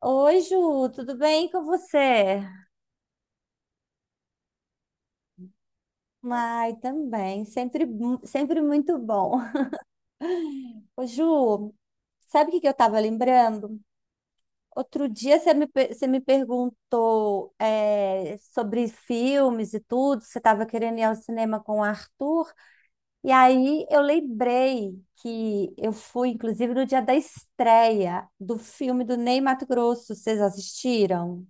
Oi, Ju, tudo bem com você? Ai, também, sempre, sempre muito bom. Ô, Ju, sabe o que que eu estava lembrando? Outro dia você me perguntou sobre filmes e tudo, você estava querendo ir ao cinema com o Arthur, e aí eu lembrei que eu fui, inclusive, no dia da estreia do filme do Ney Matogrosso, vocês assistiram?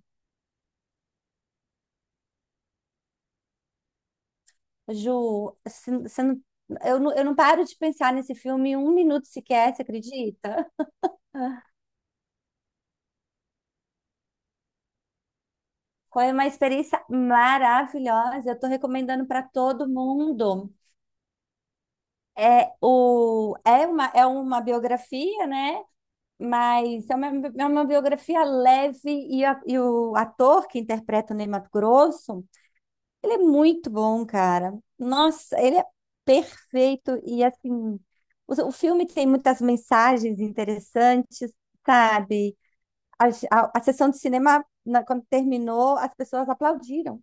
Ju, se- você não- eu, não, eu não paro de pensar nesse filme um minuto sequer, você acredita? Foi uma experiência maravilhosa. Eu estou recomendando para todo mundo. É uma biografia, né? Mas é uma biografia leve e o ator que interpreta o Ney Matogrosso. Ele é muito bom, cara. Nossa, ele é perfeito e assim, o filme tem muitas mensagens interessantes, sabe? A, a sessão de cinema, quando terminou, as pessoas aplaudiram.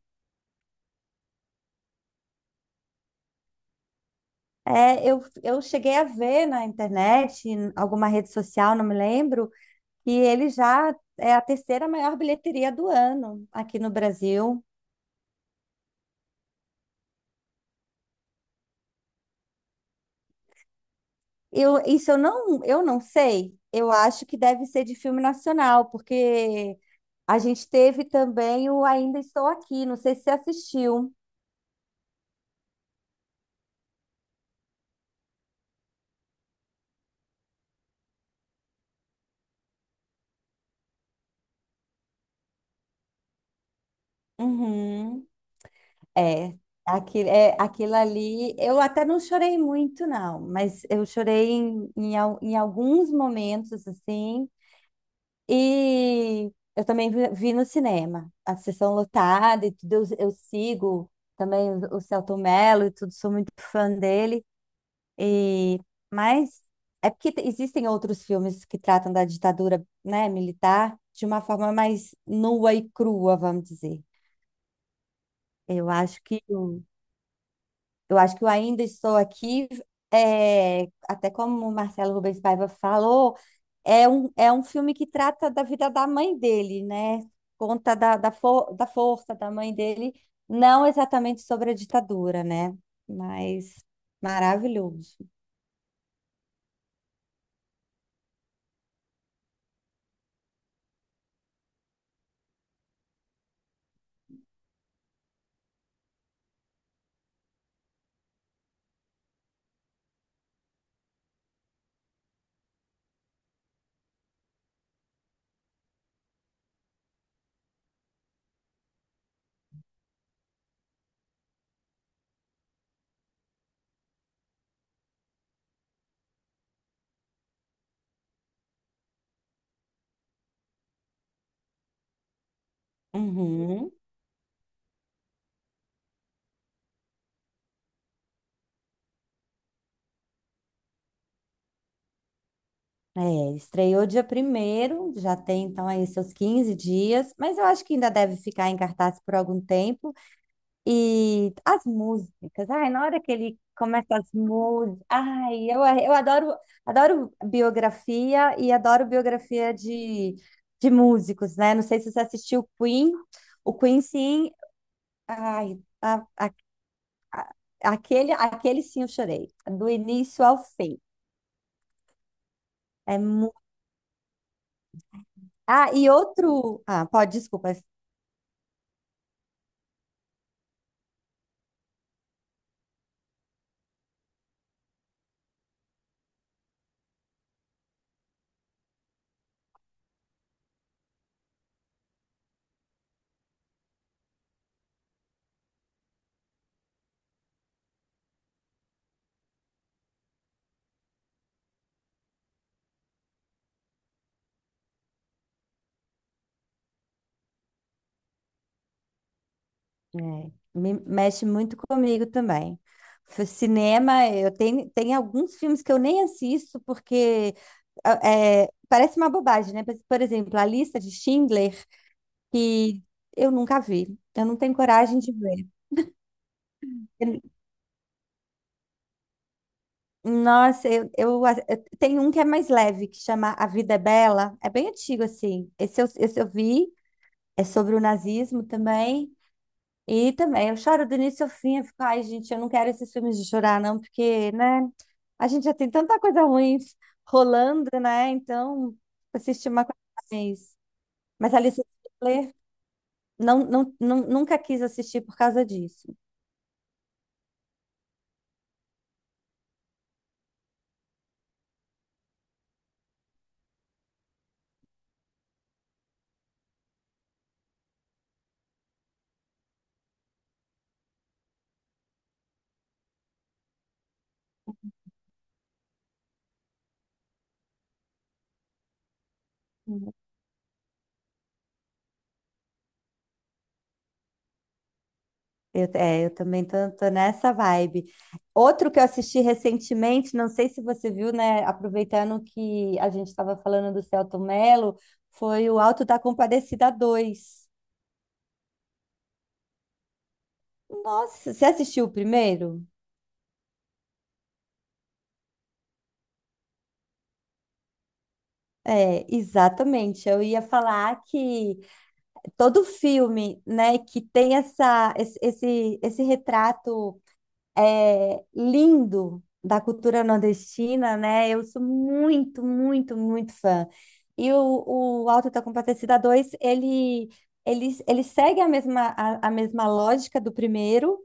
Eu cheguei a ver na internet, em alguma rede social, não me lembro, que ele já é a terceira maior bilheteria do ano aqui no Brasil. Eu, isso eu não sei. Eu acho que deve ser de filme nacional, porque a gente teve também o Ainda Estou Aqui. Não sei se você assistiu. Uhum. É, é, aquilo ali. Eu até não chorei muito, não, mas eu chorei em alguns momentos, assim. E eu também vi no cinema, a sessão lotada e tudo. Eu sigo também o Selton Mello e tudo, sou muito fã dele. E, mas é porque existem outros filmes que tratam da ditadura, né, militar de uma forma mais nua e crua, vamos dizer. Eu acho que o- eu acho que o Ainda Estou Aqui é, até como o Marcelo Rubens Paiva falou, é um filme que trata da vida da mãe dele, né? Conta da força da mãe dele, não exatamente sobre a ditadura, né? Mas maravilhoso. Uhum. É, estreou dia primeiro, já tem então aí seus 15 dias, mas eu acho que ainda deve ficar em cartaz por algum tempo. E as músicas, ai, na hora que ele começa as músicas, eu adoro, adoro biografia e adoro biografia de músicos, né? Não sei se você assistiu Queen, o Queen sim, ai, a- a- aquele, aquele sim eu chorei, do início ao fim. É mu... Ah, e outro, ah, pode, desculpa. É, me mexe muito comigo também. Cinema, eu tenho, tem alguns filmes que eu nem assisto porque ah, é, parece uma bobagem, né? Mas, por exemplo, A Lista de Schindler, que eu nunca vi, eu não tenho coragem de ver. Eu- Nossa, eu, a- eu- Tem um que é mais leve, que chama A Vida é Bela, é bem antigo assim. Esse eu vi, é sobre o nazismo também. E também, eu choro do início ao fim, eu fico, ai, gente, eu não quero esses filmes de chorar, não, porque, né, a gente já tem tanta coisa ruim rolando, né, então, assistir uma coisa mais. Mas Alice Hitler não, nunca quis assistir por causa disso. Uhum. Eu também tô nessa vibe. Outro que eu assisti recentemente, não sei se você viu, né, aproveitando que a gente estava falando do Selton Mello, foi o Alto da Compadecida Dois. Nossa, você assistiu o primeiro? É, exatamente. Eu ia falar que todo filme, né, que tem esse retrato lindo da cultura nordestina, né? Eu sou muito, muito, muito fã. E o Auto da Compadecida Dois ele segue a mesma lógica do primeiro.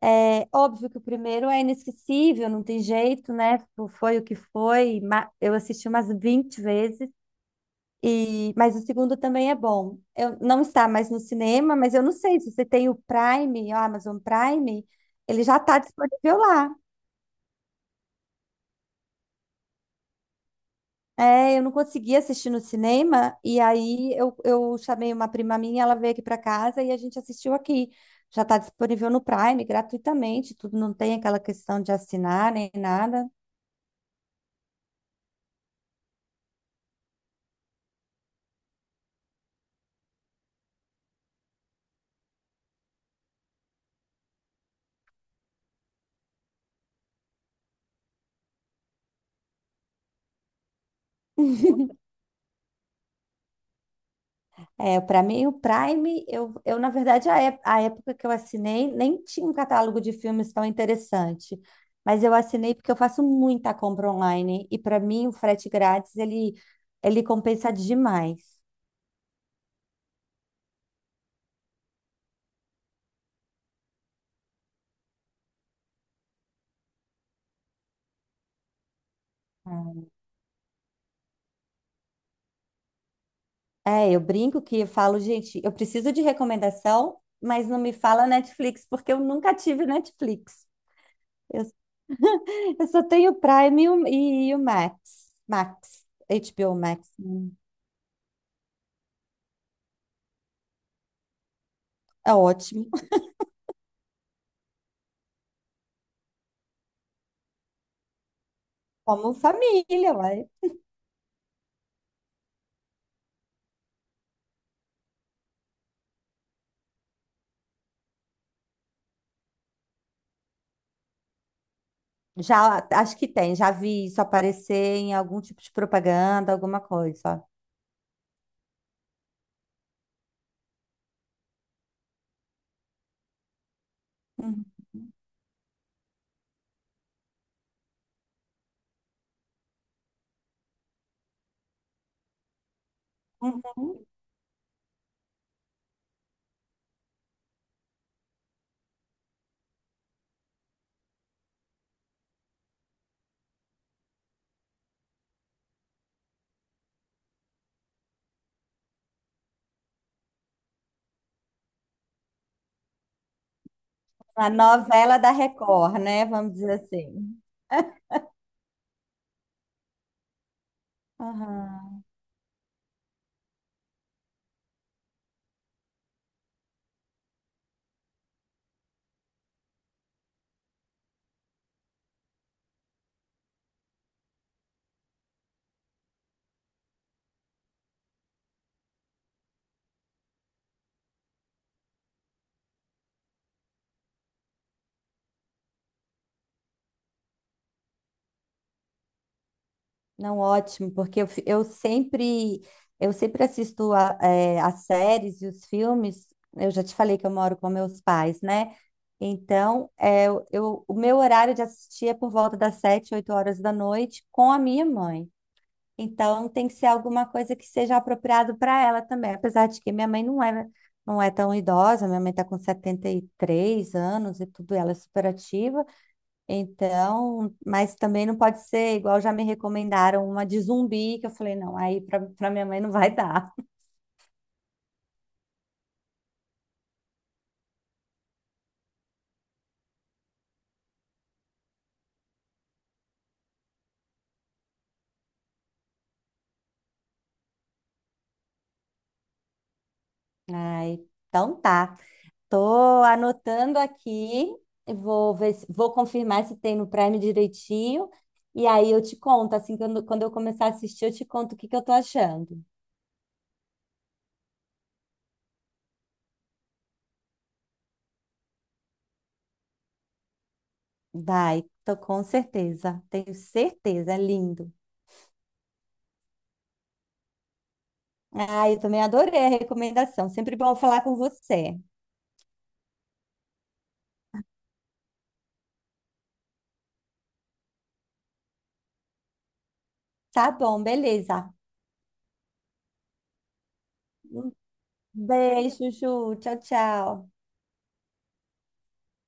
É óbvio que o primeiro é inesquecível, não tem jeito, né? Foi o que foi. Eu assisti umas 20 vezes. E, mas o segundo também é bom. Eu, não está mais no cinema, mas eu não sei se você tem o Prime, o Amazon Prime, ele já está disponível lá. É, eu não conseguia assistir no cinema, eu chamei uma prima minha, ela veio aqui para casa e a gente assistiu aqui. Já está disponível no Prime, gratuitamente, tudo, não tem aquela questão de assinar nem nada. É, para mim, o Prime, eu na verdade, a época que eu assinei, nem tinha um catálogo de filmes tão interessante. Mas eu assinei porque eu faço muita compra online. E para mim, o frete grátis, ele compensa demais. É, eu brinco que eu falo, gente, eu preciso de recomendação, mas não me fala Netflix, porque eu nunca tive Netflix. Eu, eu só tenho o Prime e o Max. Max, HBO Max. É ótimo. Como família, uai. Já, acho que tem, já vi isso aparecer em algum tipo de propaganda, alguma coisa. Uhum. Uhum. A novela da Record, né? Vamos dizer assim. Aham. Não, ótimo, porque eu sempre, eu sempre assisto a, é, as séries e os filmes. Eu já te falei que eu moro com meus pais, né? Então, é, o meu horário de assistir é por volta das sete, oito horas da noite com a minha mãe. Então tem que ser alguma coisa que seja apropriado para ela também, apesar de que minha mãe não é, não é tão idosa, minha mãe está com 73 anos e tudo, ela é super ativa, então, mas também não pode ser igual já me recomendaram uma de zumbi, que eu falei, não, aí para minha mãe não vai dar. Ai, então tá. Tô anotando aqui, vou ver, vou confirmar se tem no Prime direitinho. E aí eu te conto, assim, quando eu começar a assistir, eu te conto o que que eu tô achando. Vai, tô com certeza. Tenho certeza, é lindo. Ah, eu também adorei a recomendação. Sempre bom falar com você. Tá bom, beleza. Um beijo, Ju. Tchau, tchau.